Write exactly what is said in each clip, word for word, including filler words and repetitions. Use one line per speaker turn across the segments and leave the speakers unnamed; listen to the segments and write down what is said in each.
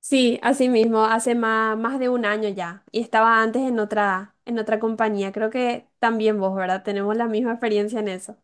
Sí, así mismo, hace más, más de un año ya. Y estaba antes en otra, en otra compañía. Creo que también vos, ¿verdad? Tenemos la misma experiencia en eso.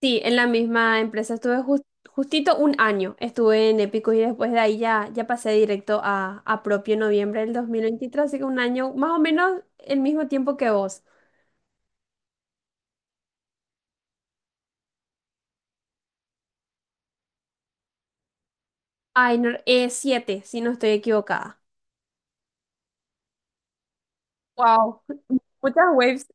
Sí, en la misma empresa estuve jus- justito un año. Estuve en Épico y después de ahí ya, ya pasé directo a, a propio en noviembre del dos mil veintitrés, así que un año más o menos el mismo tiempo que vos. Ay, no, eh, siete, si no estoy equivocada. Wow, muchas waves.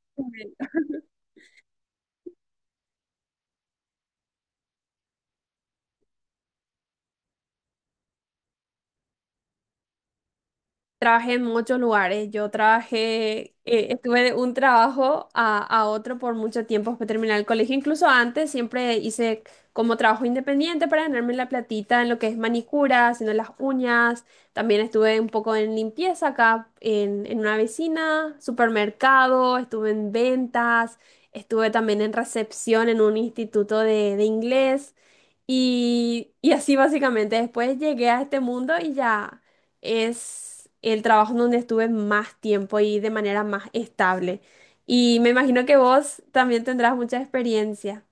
Trabajé en muchos lugares. Yo trabajé, eh, estuve de un trabajo a, a otro por mucho tiempo después de terminar el colegio. Incluso antes siempre hice como trabajo independiente para ganarme la platita en lo que es manicura, haciendo las uñas. También estuve un poco en limpieza acá en, en una vecina, supermercado, estuve en ventas, estuve también en recepción en un instituto de, de inglés. Y, y así básicamente, después llegué a este mundo y ya es el trabajo en donde estuve más tiempo y de manera más estable. Y me imagino que vos también tendrás mucha experiencia.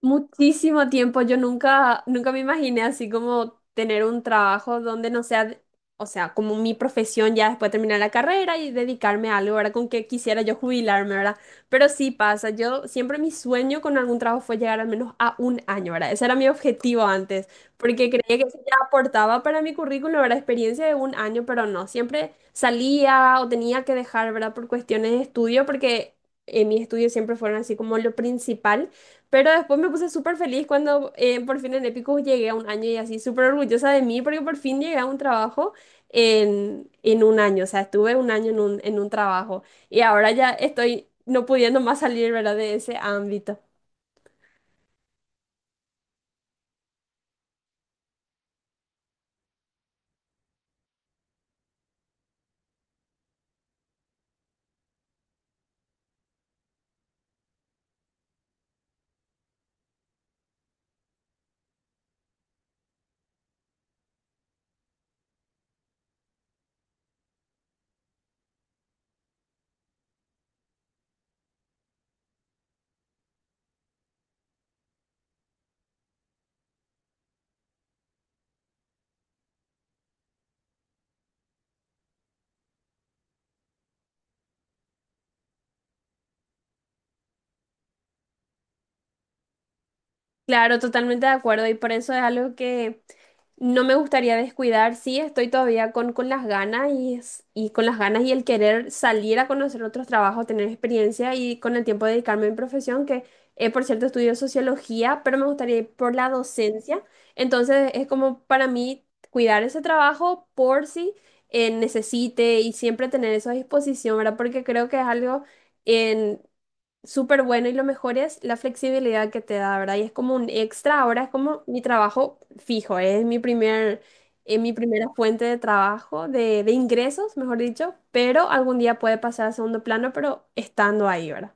Muchísimo tiempo, yo nunca, nunca me imaginé así como tener un trabajo donde no sea, o sea, como mi profesión ya después de terminar la carrera y dedicarme a algo, ¿verdad? Con que quisiera yo jubilarme, ¿verdad? Pero sí pasa, yo siempre mi sueño con algún trabajo fue llegar al menos a un año, ¿verdad? Ese era mi objetivo antes, porque creía que eso ya aportaba para mi currículum, ¿verdad? Experiencia de un año, pero no, siempre salía o tenía que dejar, ¿verdad? Por cuestiones de estudio, porque eh, mis estudios siempre fueron así como lo principal. Pero después me puse súper feliz cuando eh, por fin en Epicus llegué a un año y así, súper orgullosa de mí porque por fin llegué a un trabajo en, en un año, o sea, estuve un año en un, en un trabajo y ahora ya estoy no pudiendo más salir, ¿verdad? De ese ámbito. Claro, totalmente de acuerdo y por eso es algo que no me gustaría descuidar, sí, estoy todavía con, con las ganas y, es- y con las ganas y el querer salir a conocer otros trabajos, tener experiencia y con el tiempo dedicarme a mi profesión, que eh, por cierto estudio sociología, pero me gustaría ir por la docencia. Entonces es como para mí cuidar ese trabajo por si eh, necesite y siempre tener eso a disposición, ¿verdad? Porque creo que es algo súper bueno y lo mejor es la flexibilidad que te da, ¿verdad? Y es como un extra, ahora es como mi trabajo fijo, es mi primer, eh, mi primera fuente de trabajo, de, de ingresos, mejor dicho, pero algún día puede pasar a segundo plano, pero estando ahí, ¿verdad?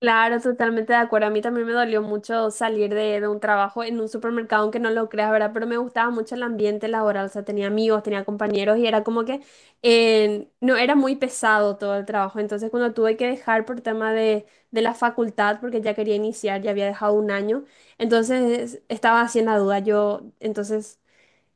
Claro, totalmente de acuerdo. A mí también me dolió mucho salir de, de un trabajo en un supermercado, aunque no lo creas, ¿verdad? Pero me gustaba mucho el ambiente laboral, o sea, tenía amigos, tenía compañeros y era como que eh, no era muy pesado todo el trabajo. Entonces, cuando tuve que dejar por tema de, de la facultad, porque ya quería iniciar, ya había dejado un año, entonces estaba haciendo duda. Yo, entonces,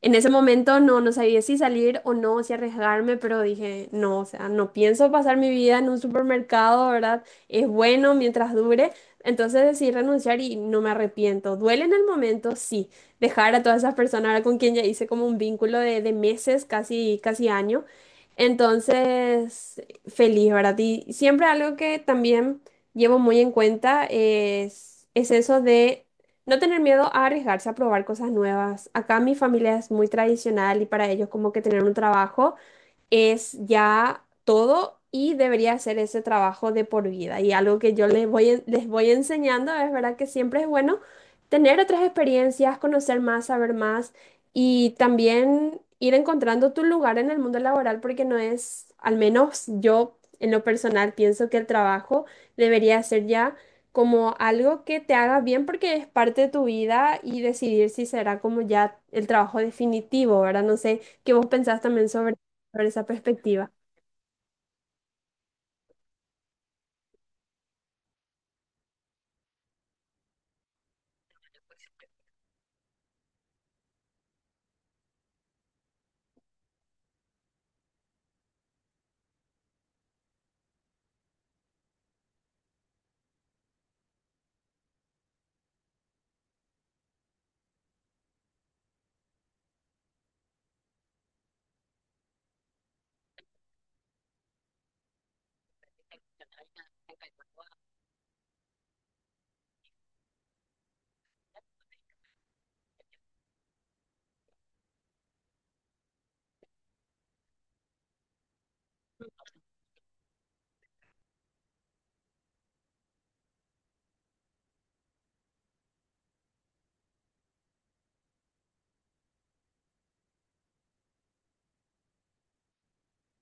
en ese momento no, no sabía si salir o no, si arriesgarme, pero dije, no, o sea, no pienso pasar mi vida en un supermercado, ¿verdad? Es bueno mientras dure. Entonces decidí renunciar y no me arrepiento. Duele en el momento, sí. Dejar a todas esas personas ahora con quien ya hice como un vínculo de, de meses, casi, casi año. Entonces, feliz, ¿verdad? Y siempre algo que también llevo muy en cuenta es, es eso de no tener miedo a arriesgarse a probar cosas nuevas. Acá mi familia es muy tradicional y para ellos como que tener un trabajo es ya todo y debería hacer ese trabajo de por vida. Y algo que yo les voy, en- les voy enseñando es verdad que siempre es bueno tener otras experiencias, conocer más, saber más y también ir encontrando tu lugar en el mundo laboral porque no es, al menos yo en lo personal pienso que el trabajo debería ser ya como algo que te haga bien porque es parte de tu vida y decidir si será como ya el trabajo definitivo, ¿verdad? No sé qué vos pensás también sobre por esa perspectiva.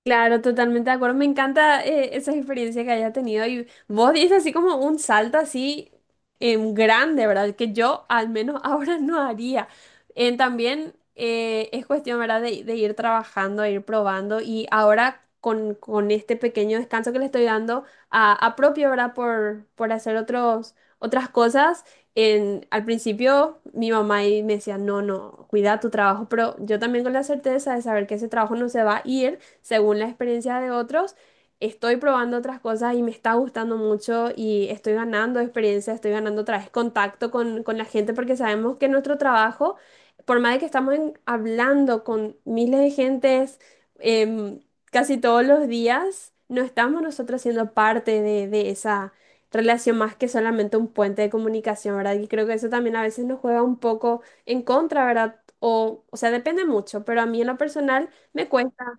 Claro, totalmente de acuerdo. Me encanta eh, esa experiencia que haya tenido. Y vos dices así como un salto así em, grande, ¿verdad? Que yo al menos ahora no haría. En también eh, es cuestión, ¿verdad? De, de ir trabajando, ir probando. Y ahora con, con este pequeño descanso que le estoy dando a, a propio, ¿verdad? Por, por hacer otros, otras cosas. En, al principio mi mamá ahí me decía, no, no, cuida tu trabajo, pero yo también con la certeza de saber que ese trabajo no se va a ir según la experiencia de otros, estoy probando otras cosas y me está gustando mucho y estoy ganando experiencia, estoy ganando otra vez contacto con, con la gente porque sabemos que nuestro trabajo, por más de que estamos en- hablando con miles de gentes em, casi todos los días, no estamos nosotros siendo parte de, de esa relación más que solamente un puente de comunicación, ¿verdad? Y creo que eso también a veces nos juega un poco en contra, ¿verdad? O, o sea, depende mucho, pero a mí en lo personal me cuesta.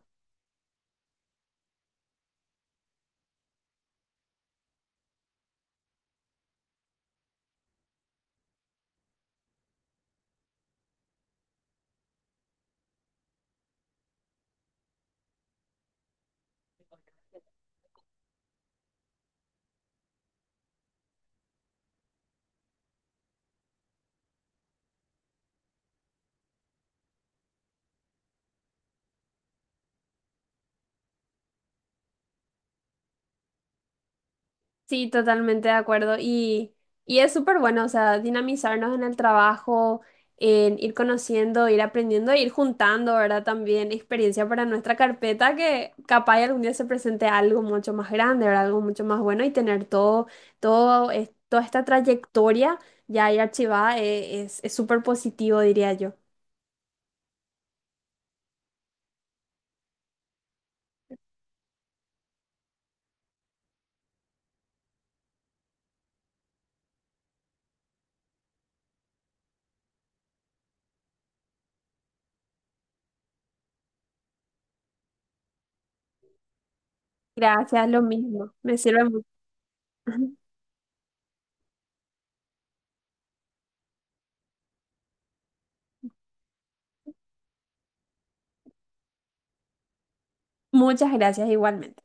Sí, totalmente de acuerdo. Y, y es súper bueno, o sea, dinamizarnos en el trabajo, en ir conociendo, ir aprendiendo, e ir juntando, ¿verdad? También experiencia para nuestra carpeta, que capaz y algún día se presente algo mucho más grande, ¿verdad? Algo mucho más bueno y tener todo, todo, es- toda esta trayectoria ya ahí archivada eh, es, es súper positivo, diría yo. Gracias, lo mismo. Me sirve mucho. Muchas gracias igualmente.